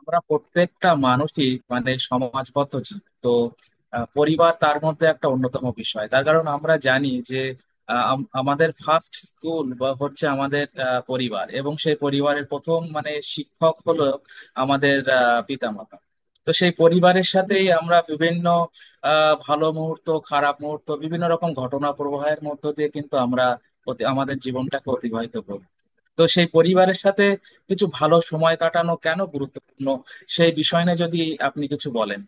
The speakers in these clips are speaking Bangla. আমরা প্রত্যেকটা মানুষই মানে সমাজবদ্ধ জীব তো। পরিবার তার মধ্যে একটা অন্যতম বিষয়, তার কারণ আমরা জানি যে আমাদের ফার্স্ট স্কুল বা হচ্ছে আমাদের পরিবার, এবং সেই পরিবারের প্রথম মানে শিক্ষক হলো আমাদের পিতামাতা। তো সেই পরিবারের সাথেই আমরা বিভিন্ন ভালো মুহূর্ত, খারাপ মুহূর্ত, বিভিন্ন রকম ঘটনা প্রবাহের মধ্য দিয়ে কিন্তু আমরা আমাদের জীবনটাকে অতিবাহিত করি। তো সেই পরিবারের সাথে কিছু ভালো সময় কাটানো কেন গুরুত্বপূর্ণ, সেই বিষয় নিয়ে যদি আপনি কিছু বলেন।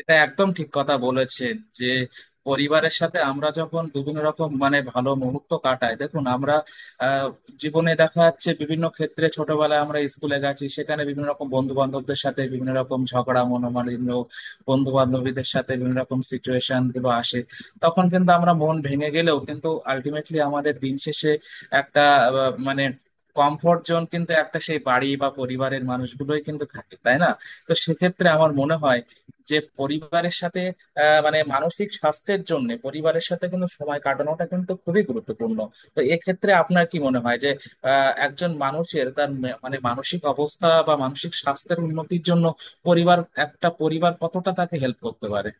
এটা একদম ঠিক কথা বলেছেন যে পরিবারের সাথে আমরা যখন বিভিন্ন রকম মানে ভালো মুহূর্ত কাটাই, দেখুন আমরা আহ, জীবনে দেখা যাচ্ছে বিভিন্ন ক্ষেত্রে, ছোটবেলায় আমরা স্কুলে গেছি, সেখানে বিভিন্ন রকম বন্ধু বান্ধবদের সাথে বিভিন্ন রকম ঝগড়া মনোমালিন্য, বন্ধু বান্ধবীদের সাথে বিভিন্ন রকম সিচুয়েশন গুলো আসে। তখন কিন্তু আমরা মন ভেঙে গেলেও কিন্তু আলটিমেটলি আমাদের দিন শেষে একটা মানে কমফোর্ট জোন কিন্তু, একটা সেই বাড়ি বা পরিবারের মানুষগুলোই কিন্তু থাকে, তাই না? তো সেক্ষেত্রে আমার মনে হয় যে পরিবারের সাথে মানে মানসিক স্বাস্থ্যের জন্য পরিবারের সাথে কিন্তু সময় কাটানোটা কিন্তু খুবই গুরুত্বপূর্ণ। তো এক্ষেত্রে আপনার কি মনে হয় যে একজন মানুষের তার মানে মানসিক অবস্থা বা মানসিক স্বাস্থ্যের উন্নতির জন্য পরিবার, একটা পরিবার কতটা তাকে হেল্প করতে পারে?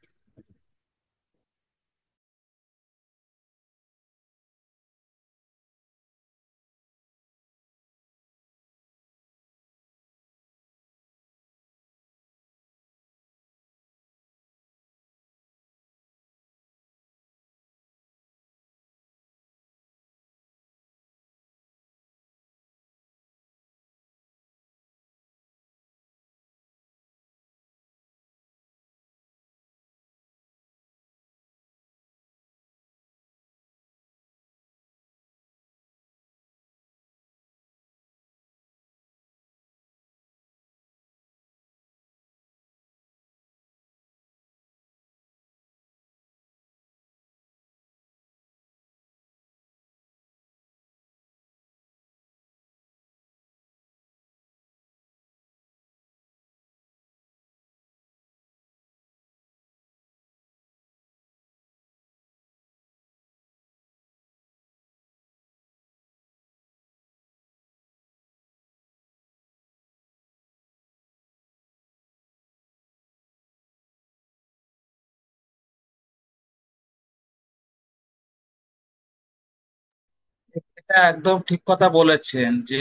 এটা একদম ঠিক কথা বলেছেন যে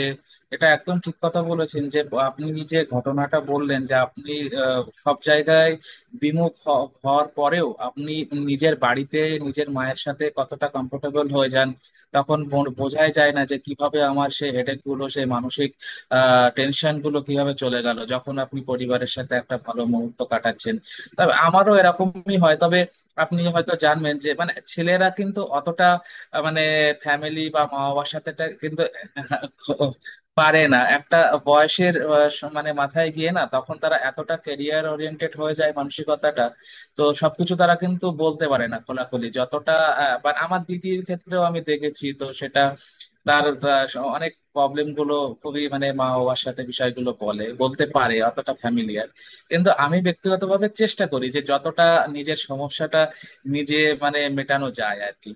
এটা একদম ঠিক কথা বলেছেন যে আপনি, যে ঘটনাটা বললেন যে আপনি সব জায়গায় বিমুখ হওয়ার পরেও আপনি নিজের বাড়িতে নিজের মায়ের সাথে কতটা কমফোর্টেবল হয়ে যান, তখন বোঝাই যায় না যে কিভাবে আমার সেই হেডেক গুলো, সেই মানসিক টেনশন গুলো কিভাবে চলে গেল যখন আপনি পরিবারের সাথে একটা ভালো মুহূর্ত কাটাচ্ছেন। তবে আমারও এরকমই হয়, তবে আপনি হয়তো জানবেন যে মানে ছেলেরা কিন্তু অতটা মানে ফ্যামিলি বা মা বাবার সাথে টা কিন্তু পারে না। একটা বয়সের মানে মাথায় গিয়ে না তখন তারা এতটা ক্যারিয়ার ওরিয়েন্টেড হয়ে যায় মানসিকতাটা। তো সবকিছু তারা কিন্তু বলতে পারে না খোলাখুলি যতটা, বা আমার দিদির ক্ষেত্রেও আমি দেখেছি তো সেটা, তার অনেক প্রবলেম গুলো খুবই মানে মা বাবার সাথে বিষয়গুলো বলে বলতে পারে অতটা ফ্যামিলিয়ার। কিন্তু আমি ব্যক্তিগতভাবে চেষ্টা করি যে যতটা নিজের সমস্যাটা নিজে মানে মেটানো যায় আর কি।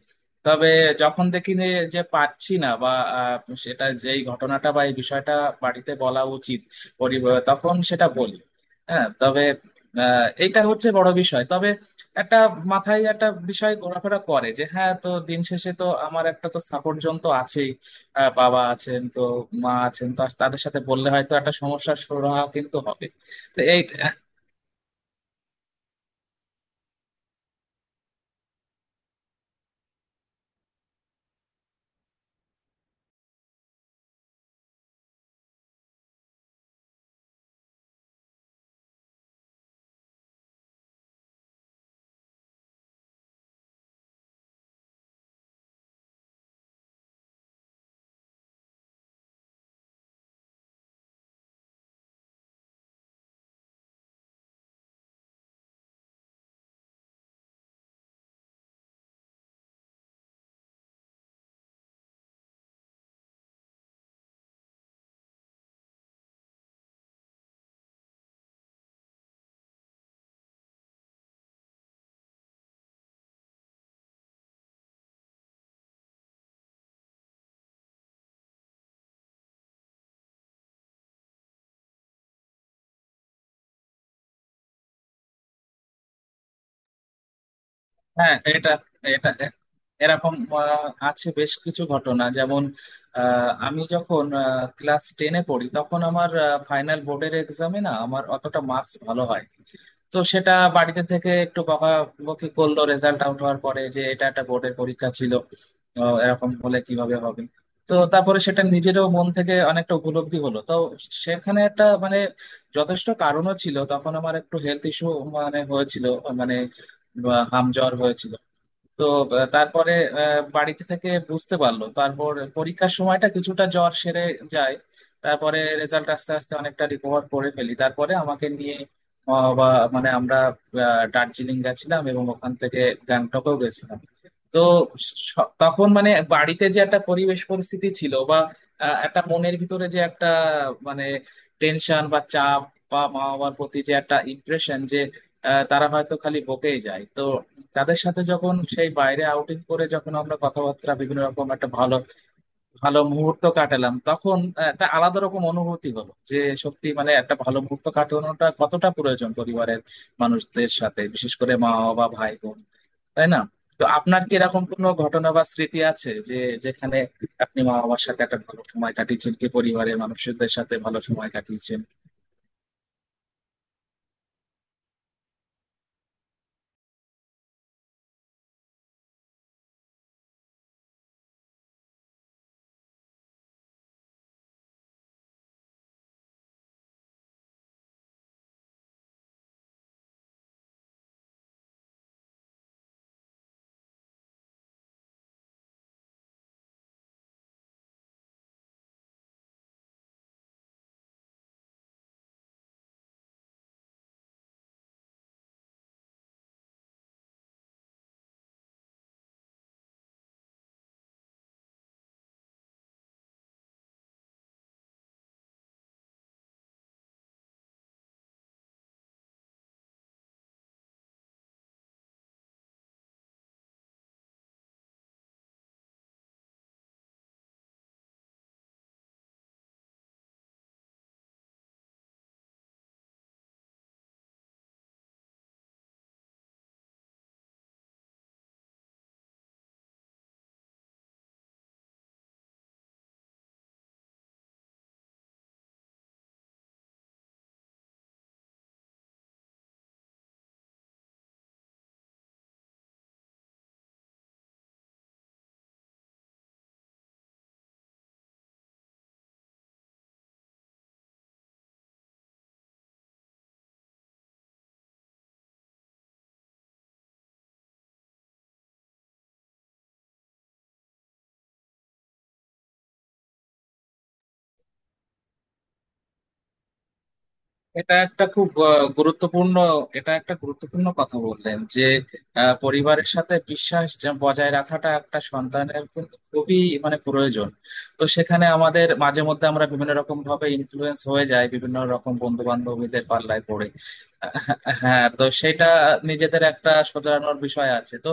তবে যখন দেখি যে যে পারছি না বা আহ, সেটা যেই ঘটনাটা বা এই বিষয়টা বাড়িতে বলা উচিত, পরিবার, তখন সেটা বলি। হ্যাঁ, তবে এইটা হচ্ছে বড় বিষয়, তবে একটা মাথায় একটা বিষয় ঘোরাফেরা করে যে হ্যাঁ, তো দিন শেষে তো আমার একটা তো সাপোর্ট জন তো আছেই। বাবা আছেন তো, মা আছেন তো, তাদের সাথে বললে হয়তো একটা সমস্যার সুরাহা কিন্তু হবে। তো এই হ্যাঁ, এটা এটা এরকম আছে বেশ কিছু ঘটনা। যেমন আমি যখন ক্লাস টেনে পড়ি তখন আমার ফাইনাল বোর্ডের এক্সামে না আমার অতটা মার্কস ভালো হয়। তো সেটা বাড়িতে থেকে একটু বকাবকি করলো রেজাল্ট আউট হওয়ার পরে যে এটা একটা বোর্ডের পরীক্ষা ছিল, এরকম হলে কিভাবে হবে। তো তারপরে সেটা নিজেরও মন থেকে অনেকটা উপলব্ধি হলো তো। সেখানে একটা মানে যথেষ্ট কারণও ছিল, তখন আমার একটু হেলথ ইস্যু মানে হয়েছিল, মানে হাম জ্বর হয়েছিল। তো তারপরে বাড়িতে থেকে বুঝতে পারলো। তারপর পরীক্ষার সময়টা কিছুটা জ্বর সেরে যায়। তারপরে রেজাল্ট আস্তে আস্তে অনেকটা রিকভার করে ফেলি, তারপরে আমাকে নিয়ে আহ, বা মানে আমরা দার্জিলিং গেছিলাম এবং ওখান থেকে গ্যাংটকেও গেছিলাম। তো তখন মানে বাড়িতে যে একটা পরিবেশ পরিস্থিতি ছিল, বা একটা মনের ভিতরে যে একটা মানে টেনশন বা চাপ, বা মা বাবার প্রতি যে একটা ইমপ্রেশন যে তারা হয়তো খালি বকেই যায়, তো তাদের সাথে যখন সেই বাইরে আউটিং করে যখন আমরা কথাবার্তা বিভিন্ন রকম একটা ভালো ভালো মুহূর্ত কাটালাম, তখন একটা আলাদা রকম অনুভূতি হলো যে সত্যি মানে একটা ভালো মুহূর্ত কাটানোটা কতটা প্রয়োজন পরিবারের মানুষদের সাথে, বিশেষ করে মা বাবা ভাই বোন, তাই না? তো আপনার কি এরকম কোনো ঘটনা বা স্মৃতি আছে যে যেখানে আপনি মা বাবার সাথে একটা ভালো সময় কাটিয়েছেন কি পরিবারের মানুষদের সাথে ভালো সময় কাটিয়েছেন? এটা একটা খুব আহ, গুরুত্বপূর্ণ এটা একটা গুরুত্বপূর্ণ কথা বললেন যে পরিবারের সাথে বিশ্বাস যে বজায় রাখাটা একটা সন্তানের কিন্তু খুবই মানে প্রয়োজন। তো সেখানে আমাদের মাঝে মধ্যে আমরা বিভিন্ন রকম ভাবে ইনফ্লুয়েন্স হয়ে যায় বিভিন্ন রকম বন্ধু বান্ধবীদের পাল্লায় পড়ে। আহ, হ্যাঁ, তো সেটা নিজেদের একটা শোধরানোর বিষয় আছে তো।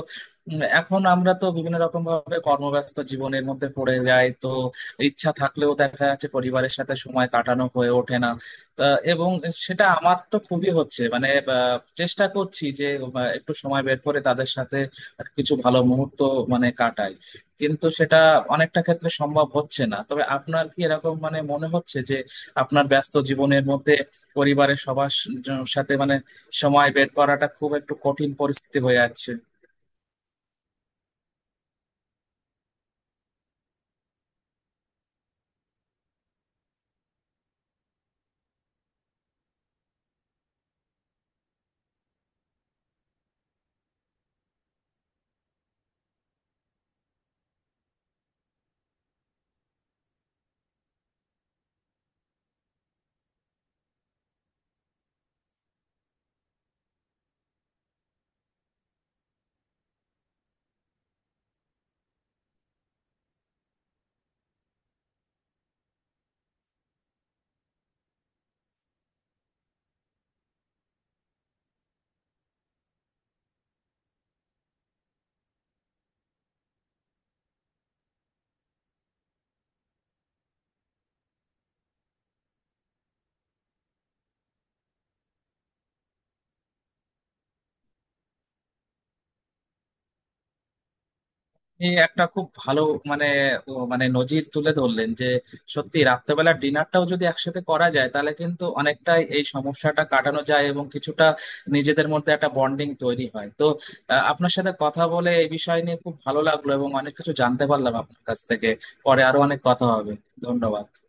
এখন আমরা তো বিভিন্ন রকম ভাবে কর্মব্যস্ত জীবনের মধ্যে পড়ে যাই, তো ইচ্ছা থাকলেও দেখা যাচ্ছে পরিবারের সাথে সময় কাটানো হয়ে ওঠে না। তা, এবং সেটা আমার তো খুবই হচ্ছে মানে, চেষ্টা করছি যে একটু সময় বের করে তাদের সাথে কিছু ভালো মুহূর্ত মানে কাটাই, কিন্তু সেটা অনেকটা ক্ষেত্রে সম্ভব হচ্ছে না। তবে আপনার কি এরকম মানে মনে হচ্ছে যে আপনার ব্যস্ত জীবনের মধ্যে পরিবারের সবার সাথে মানে সময় বের করাটা খুব একটু কঠিন পরিস্থিতি হয়ে যাচ্ছে? আপনি একটা খুব ভালো মানে, ও মানে নজির তুলে ধরলেন যে সত্যি রাত্রেবেলার ডিনারটাও যদি একসাথে করা যায় তাহলে কিন্তু অনেকটাই এই সমস্যাটা কাটানো যায়, এবং কিছুটা নিজেদের মধ্যে একটা বন্ডিং তৈরি হয় তো। আপনার সাথে কথা বলে এই বিষয় নিয়ে খুব ভালো লাগলো এবং অনেক কিছু জানতে পারলাম আপনার কাছ থেকে। পরে আরো অনেক কথা হবে। ধন্যবাদ।